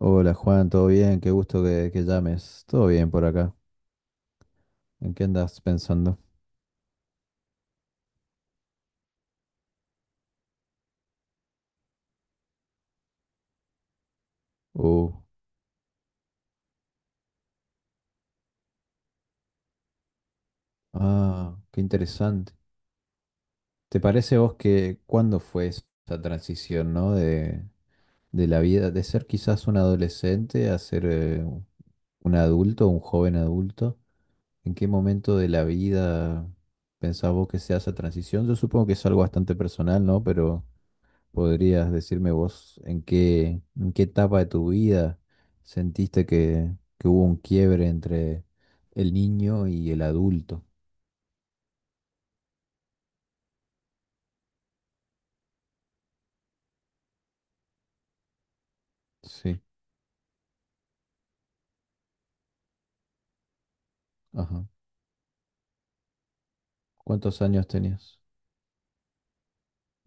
Hola Juan, ¿todo bien? Qué gusto que llames. Todo bien por acá. ¿En qué andas pensando? Oh, ah, qué interesante. ¿Te parece vos que cuándo fue esa transición, ¿no? De la vida, de ser quizás un adolescente a ser un adulto, un joven adulto. ¿En qué momento de la vida pensás vos que sea esa transición? Yo supongo que es algo bastante personal, ¿no? Pero ¿podrías decirme vos en qué etapa de tu vida sentiste que hubo un quiebre entre el niño y el adulto? Sí, ajá. ¿Cuántos años tenías?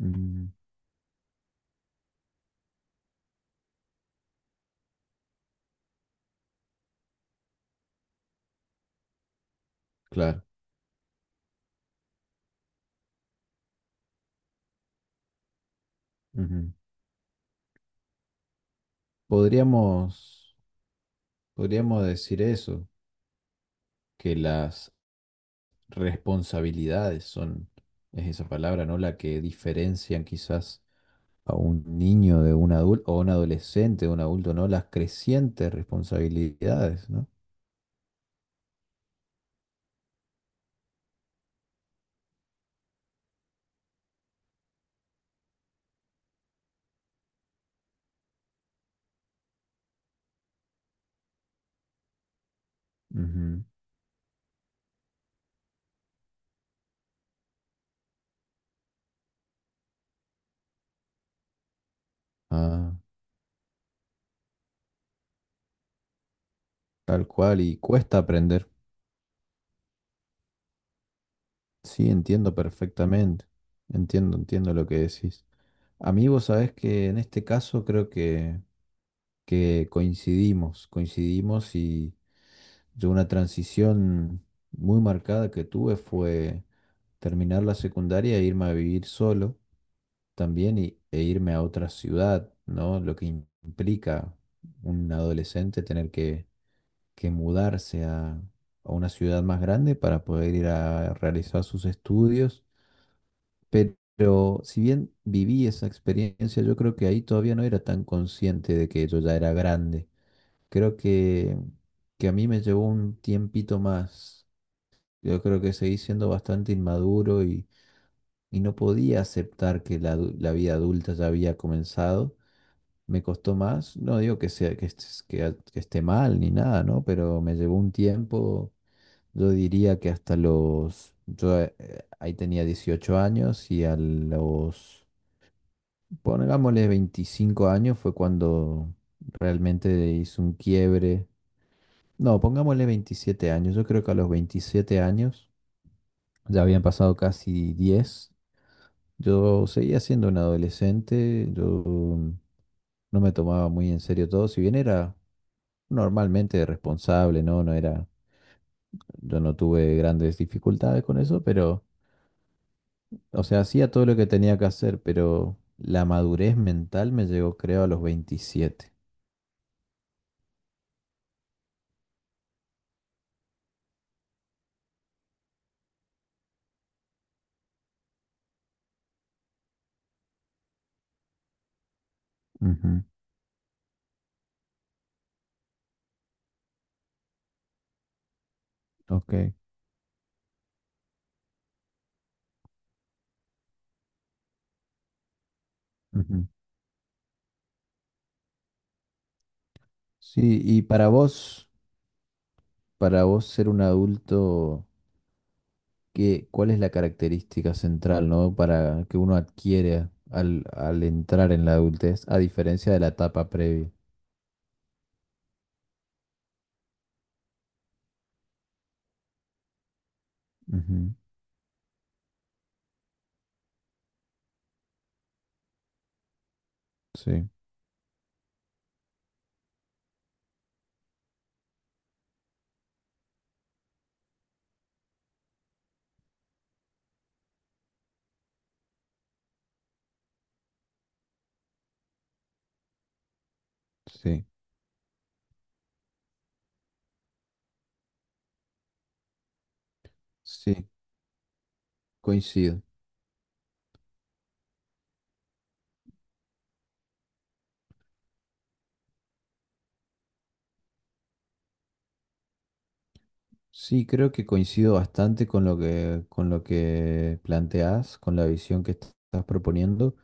Mm, claro. Ujú. Podríamos, podríamos decir eso, que las responsabilidades son, es esa palabra, ¿no? La que diferencian quizás a un niño de un adulto o un adolescente de un adulto, ¿no? Las crecientes responsabilidades, ¿no? Ujú. Ah, tal cual, y cuesta aprender. Sí, entiendo perfectamente. Entiendo lo que decís. A mí vos sabés que en este caso creo que coincidimos, coincidimos y yo una transición muy marcada que tuve fue terminar la secundaria e irme a vivir solo también y, e irme a otra ciudad, ¿no? Lo que implica un adolescente tener que mudarse a una ciudad más grande para poder ir a realizar sus estudios. Pero si bien viví esa experiencia, yo creo que ahí todavía no era tan consciente de que yo ya era grande. Creo que a mí me llevó un tiempito más. Yo creo que seguí siendo bastante inmaduro y no podía aceptar que la vida adulta ya había comenzado. Me costó más, no digo que sea que esté mal ni nada, ¿no? Pero me llevó un tiempo. Yo diría que hasta los... Yo ahí tenía 18 años y pongámosle 25 años fue cuando realmente hice un quiebre. No, pongámosle 27 años. Yo creo que a los 27 años, ya habían pasado casi 10, yo seguía siendo un adolescente, yo no me tomaba muy en serio todo, si bien era normalmente responsable, ¿no? No era, yo no tuve grandes dificultades con eso, pero... O sea, hacía todo lo que tenía que hacer, pero la madurez mental me llegó, creo, a los 27. Ujú. Ok. Ujú. Sí, y para vos ser un adulto, ¿qué, cuál es la característica central, ¿no? Para que uno adquiere al, al entrar en la adultez, a diferencia de la etapa previa. Ujú. Sí, sí, sí, coincido. Sí, creo que coincido bastante con lo que planteás, con la visión que estás proponiendo.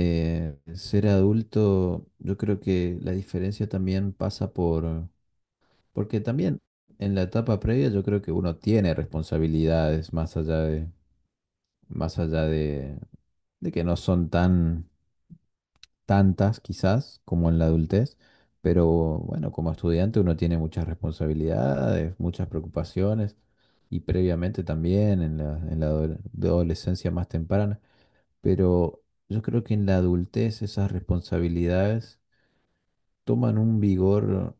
Ser adulto, yo creo que la diferencia también pasa por, porque también en la etapa previa yo creo que uno tiene responsabilidades más allá de, más allá de que no son tan tantas quizás como en la adultez, pero bueno, como estudiante uno tiene muchas responsabilidades, muchas preocupaciones y previamente también en la, adolescencia más temprana, pero yo creo que en la adultez esas responsabilidades toman un vigor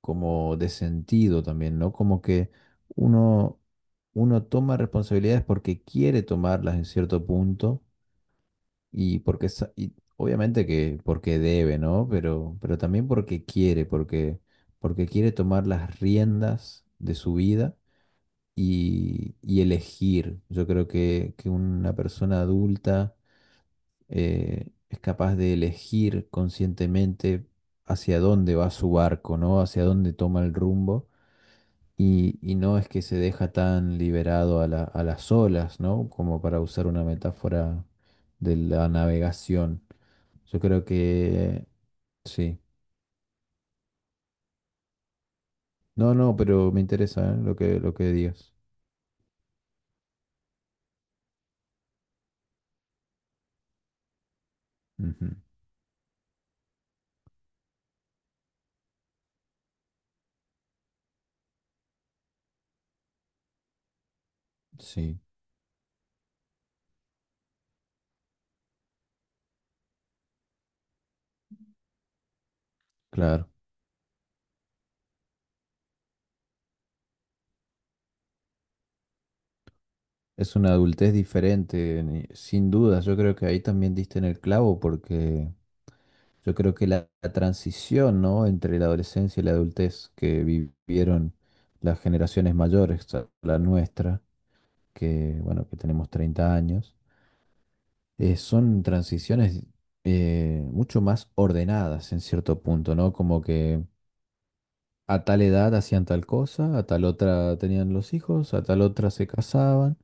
como de sentido también, ¿no? Como que uno, uno toma responsabilidades porque quiere tomarlas en cierto punto y obviamente que porque debe, ¿no? Pero también porque quiere tomar las riendas de su vida y elegir. Yo creo que una persona adulta es capaz de elegir conscientemente hacia dónde va su barco, ¿no? Hacia dónde toma el rumbo. Y no es que se deja tan liberado a las olas, ¿no? Como para usar una metáfora de la navegación. Yo creo que sí. No, no, pero me interesa, ¿eh? Lo que, lo que digas. Ujú. Sí, claro. Es una adultez diferente, sin duda. Yo creo que ahí también diste en el clavo porque yo creo que la transición, ¿no? entre la adolescencia y la adultez que vivieron las generaciones mayores, a la nuestra, que bueno, que tenemos 30 años, son transiciones mucho más ordenadas en cierto punto, ¿no? Como que a tal edad hacían tal cosa, a tal otra tenían los hijos, a tal otra se casaban,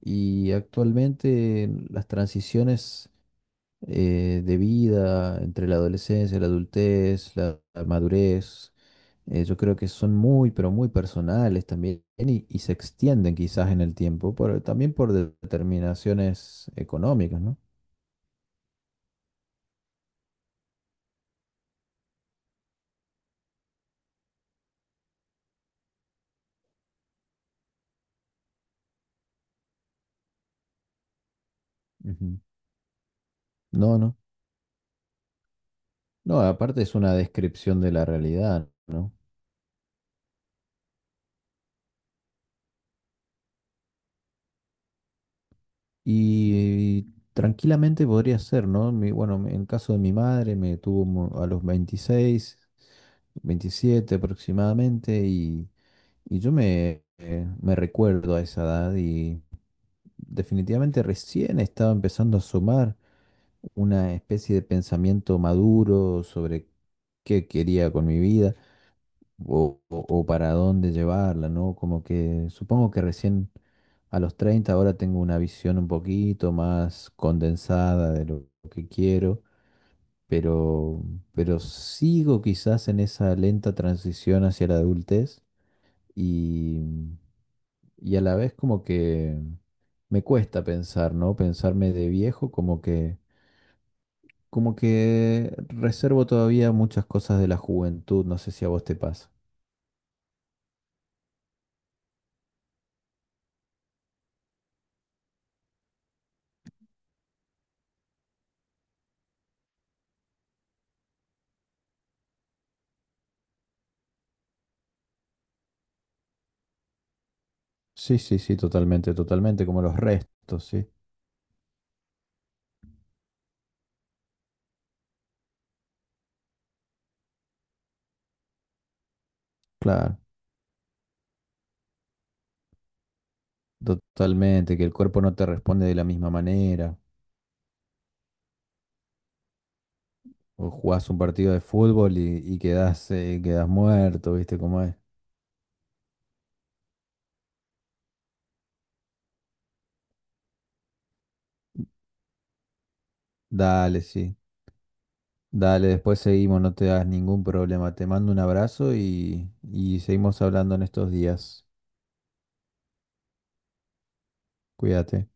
y actualmente las transiciones de vida entre la adolescencia, la adultez, la madurez. Yo creo que son muy, pero muy personales también y se extienden quizás en el tiempo, también por determinaciones económicas, ¿no? Ujú. No, no. No, aparte es una descripción de la realidad, ¿no? Y tranquilamente podría ser, ¿no? Bueno, en el caso de mi madre me tuvo a los 26, 27 aproximadamente y yo me recuerdo a esa edad y definitivamente recién estaba empezando a asomar una especie de pensamiento maduro sobre qué quería con mi vida o, o para dónde llevarla, ¿no? Como que supongo que recién a los 30 ahora tengo una visión un poquito más condensada de lo que quiero, pero, pero sigo quizás en esa lenta transición hacia la adultez y, y a la vez como que me cuesta pensar, ¿no? Pensarme de viejo como que... Como que reservo todavía muchas cosas de la juventud, no sé si a vos te pasa. Sí, sí, sí, totalmente, totalmente, como los restos, sí, claro, totalmente, que el cuerpo no te responde de la misma manera, o jugás un partido de fútbol y quedás, quedás muerto, ¿viste cómo es? Dale, sí, dale, después seguimos, no te das ningún problema, te mando un abrazo y seguimos hablando en estos días, cuídate.